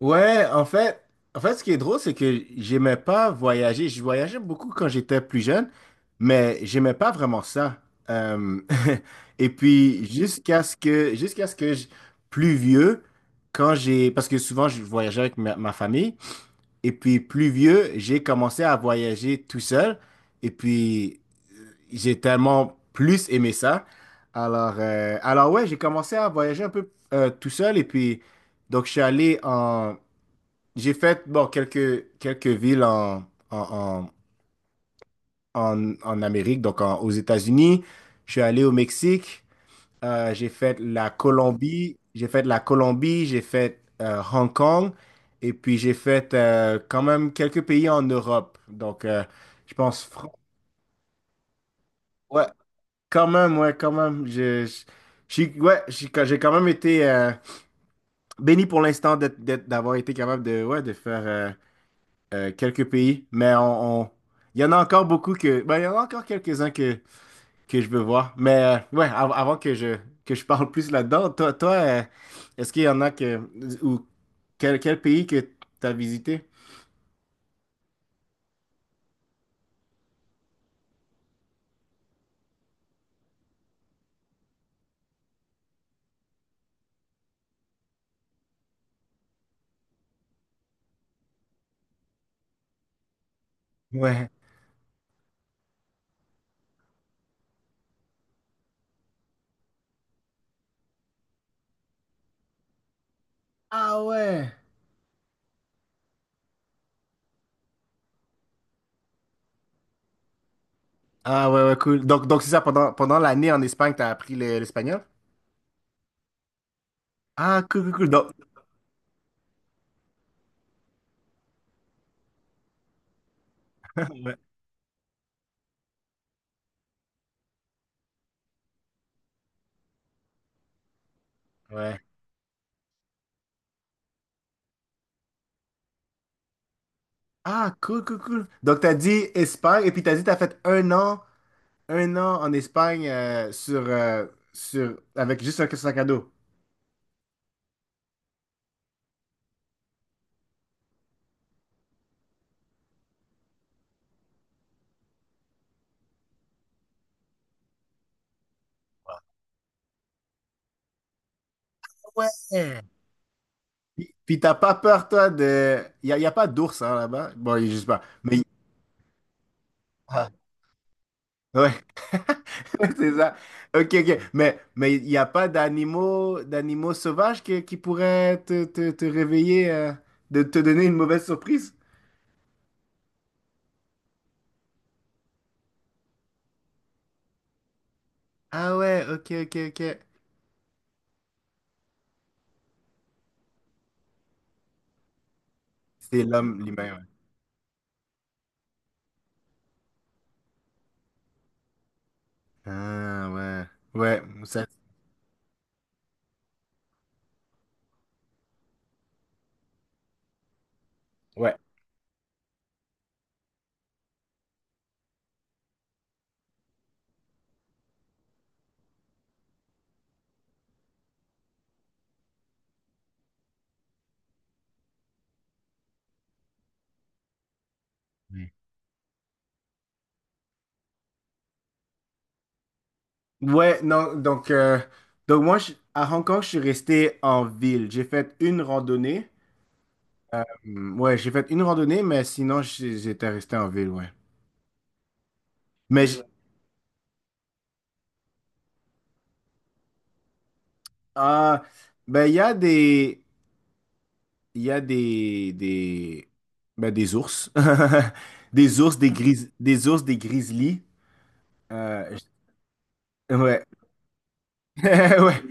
Ouais, en fait, ce qui est drôle, c'est que j'aimais pas voyager. Je voyageais beaucoup quand j'étais plus jeune, mais j'aimais pas vraiment ça. Euh, et puis jusqu'à ce que plus vieux, parce que souvent je voyageais avec ma famille, et puis plus vieux, j'ai commencé à voyager tout seul, et puis j'ai tellement plus aimé ça. Alors, ouais, j'ai commencé à voyager un peu tout seul, et puis donc je suis allé en j'ai fait bon, quelques villes en, en, en Amérique, donc aux États-Unis. Je suis allé au Mexique, j'ai fait la Colombie, j'ai fait Hong Kong, et puis j'ai fait quand même quelques pays en Europe. Donc, je pense, ouais, quand même, ouais, quand même. Je, ouais, j'ai quand même été béni pour l'instant d'être, d'avoir été capable de, ouais, de faire. Quelques pays, mais il y en a encore beaucoup que, ben, il y en a encore quelques-uns que, je veux voir. Mais ouais, avant que je, parle plus là-dedans, toi, est-ce qu'il y en a que, ou quel, pays que t'as visité? Ouais. Ah ouais. Ah ouais, ouais, cool. Donc c'est ça, pendant l'année en Espagne, t'as appris l'espagnol? Ah, cool, cool, cool. Donc, ouais. Ouais. Ah, cool, cool, cool. Donc, t'as dit Espagne, et puis t'as dit t'as fait un an. Un an en Espagne avec juste un sac à dos. Ouais. Puis t'as pas peur, toi, de... Y a pas d'ours hein, là-bas. Bon, je sais pas. Mais... Ah. Ouais. C'est ça. OK, OK. Mais il n'y a pas d'animaux sauvages qui, pourraient te, te, réveiller, de te donner une mauvaise surprise? Ah ouais, OK, OK, OK. C'est l'homme, l'humain, ouais. Ah ouais. Ouais, ça... Ouais. Ouais, non, donc, moi, à Hong Kong, je suis resté en ville. J'ai fait une randonnée. Ouais, j'ai fait une randonnée, mais sinon, j'étais resté en ville, ouais. Mais, ah, ben, il y a des, il y a des, ben, des ours. Des ours, des gris, des ours, des grizzlies. Euh, ouais, ouais.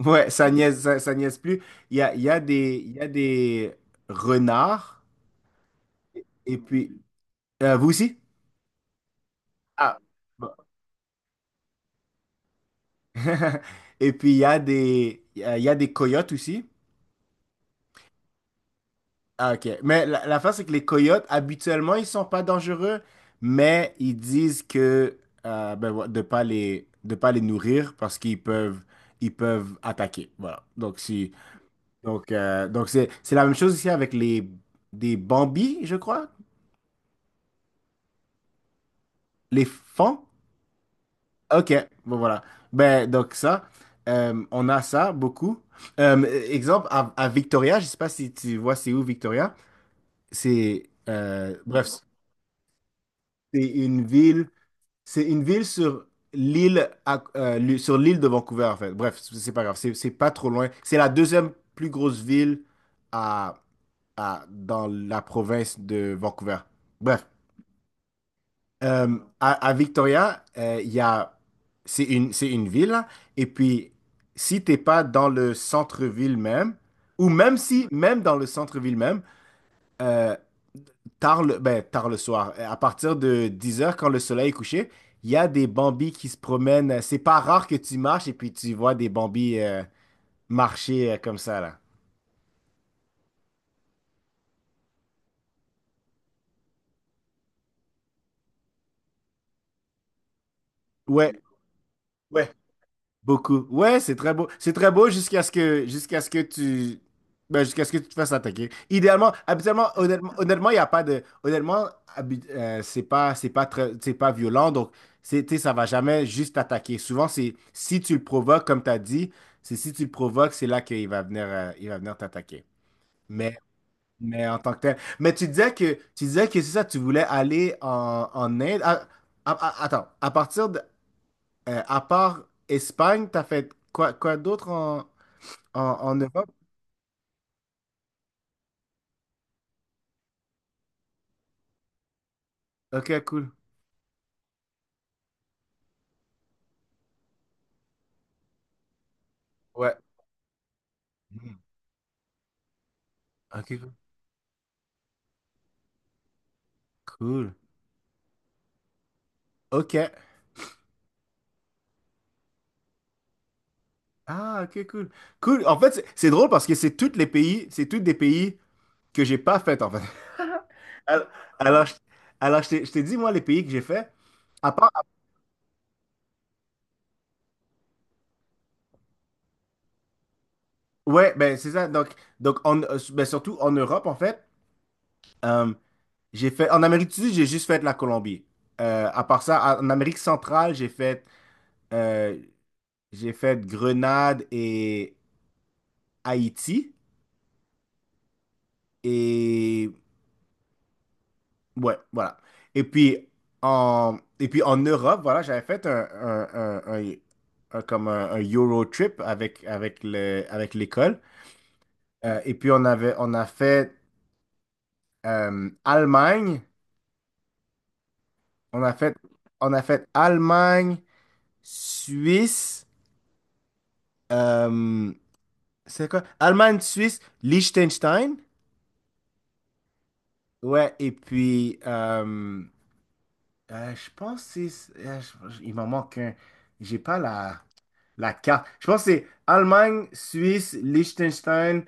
Ouais, ça niaise, ça niaise plus. Il y a des, il y a des renards. Et puis, vous aussi? Ah. Et puis, il y a des coyotes aussi. Ah, OK. Mais la, fin, c'est que les coyotes, habituellement, ils sont pas dangereux, mais ils disent que ben, de pas les, nourrir parce qu'ils peuvent, ils peuvent attaquer. Voilà. Donc, si, c'est, la même chose ici avec des bambis, je crois. Les fans. OK. Bon, voilà. Ben, donc ça, on a ça beaucoup. Euh, exemple, à, Victoria, je sais pas si tu vois c'est où Victoria. C'est bref, c'est une ville, c'est une ville sur sur l'île de Vancouver en fait. Bref, c'est pas grave, c'est pas trop loin. C'est la deuxième plus grosse ville à, dans la province de Vancouver. Bref, à, Victoria, il y a c'est une ville là. Et puis si t'es pas dans le centre-ville même ou même si même dans le centre-ville même euh, tard tard le soir, à partir de 10 heures quand le soleil est couché, il y a des bambis qui se promènent. C'est pas rare que tu marches et puis tu vois des bambis marcher comme ça, là. Ouais, ouais. Beaucoup. Ouais, c'est très beau. C'est très beau jusqu'à ce que tu te fasses attaquer. Idéalement, habituellement, honnêtement, il y a pas de honnêtement, habi- c'est pas très c'est pas violent, donc c'est tu sais, ça va jamais juste t'attaquer. Souvent, c'est si tu le provoques comme tu as dit, c'est si tu le provoques, c'est là qu'il va venir, t'attaquer. Mais en tant que tel, mais tu disais que c'est ça tu voulais aller en Inde. Ah, attends, à part Espagne, t'as fait quoi, quoi d'autre en Europe? Ok, cool. Ouais. Mm. Ok, cool. Cool. Ok. Ah, ok, cool. Cool. En fait, c'est drôle parce que c'est tous des pays que j'ai pas fait, en fait. Alors, alors, je, je t'ai dit, moi, les pays que j'ai fait, à part, ouais, ben, c'est ça. Donc, ben, surtout en Europe, en fait, euh, en Amérique du Sud, j'ai juste fait la Colombie. À part ça, en Amérique centrale, euh, J'ai fait Grenade et Haïti. Et ouais, voilà. Et puis et puis en Europe, voilà, j'avais fait un- comme un, Euro trip avec l'école. Et puis on a fait Allemagne. On a fait, on a fait Allemagne, Suisse. euh, c'est quoi? Allemagne, Suisse, Liechtenstein. Ouais, et puis je pense que il m'en manque un. J'ai pas la carte. Je pense que c'est Allemagne, Suisse, Liechtenstein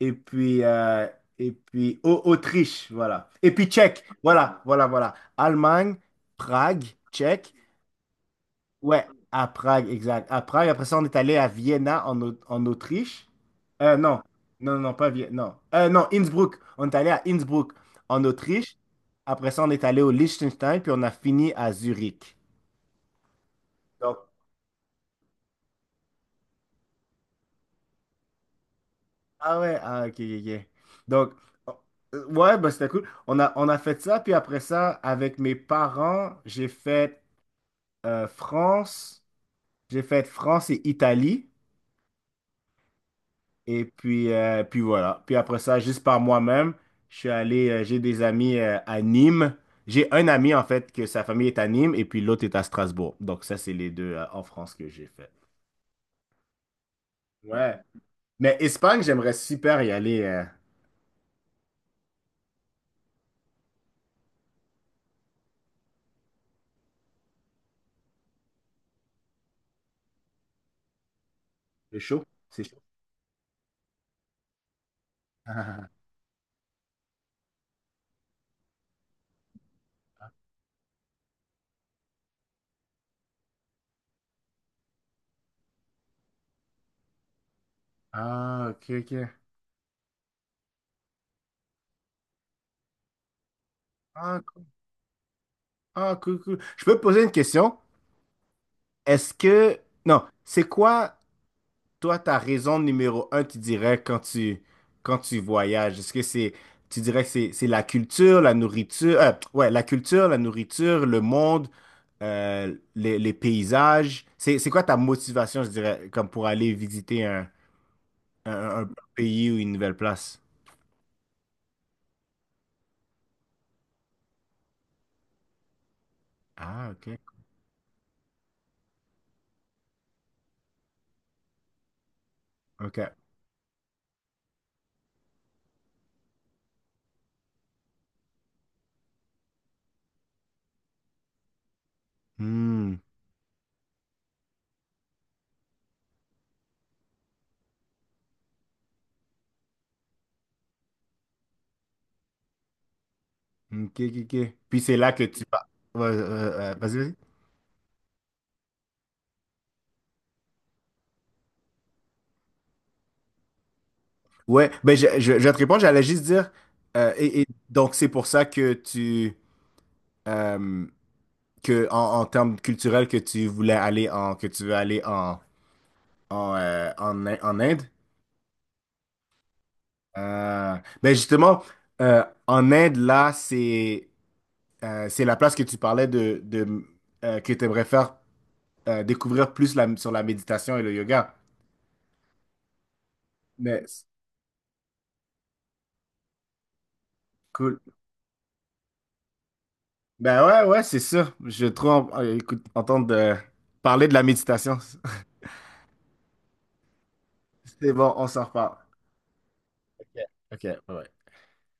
et puis, euh, et puis Autriche, voilà. Et puis Tchèque, voilà, voilà, voilà. Allemagne, Prague, Tchèque. Ouais, à Prague, exact. À Prague, après ça, on est allé à Vienna en Autriche. Non, non, non, pas Vienne, non. Non, Innsbruck. On est allé à Innsbruck en Autriche. Après ça, on est allé au Liechtenstein, puis on a fini à Zurich. Donc, ah ouais, ah, ok, ok, ok. Donc, ouais, bah, c'était cool. On a fait ça, puis après ça, avec mes parents, j'ai fait euh, France, France et Italie, puis voilà. Puis après ça, juste par moi-même, j'ai des amis à Nîmes. J'ai un ami, en fait, que sa famille est à Nîmes, et puis l'autre est à Strasbourg. Donc, ça, c'est les deux en France que j'ai fait. Ouais. Mais Espagne, j'aimerais super y aller. C'est chaud, c'est chaud. Ah, ok, ok. Ah, cool. Ah, cool, cool. Je peux te poser une question? Est-ce que... Non, c'est quoi, toi, ta raison numéro un, tu dirais, quand tu voyages? Est-ce que c'est... Tu dirais que c'est la culture, la nourriture... ouais, la culture, la nourriture, le monde, les paysages. C'est quoi ta motivation, je dirais, comme pour aller visiter un pays ou une nouvelle place? Ah, OK. OK. Hmm. OK, OK, OK. Puis c'est là que tu... Ouais, vas-y, vas-y. Ouais, ben je vais te répondre, j'allais juste dire, et donc c'est pour ça que euh, que en termes culturels, que tu veux aller en Inde. Euh, ben justement, en Inde, là, c'est la place que tu parlais de que tu aimerais faire découvrir plus sur la méditation et le yoga. Mais c'est cool. Ben ouais, ouais, c'est sûr. Je trouve, écoute, entendre parler de la méditation. C'est bon, on s'en reparle. OK, OK, ouais.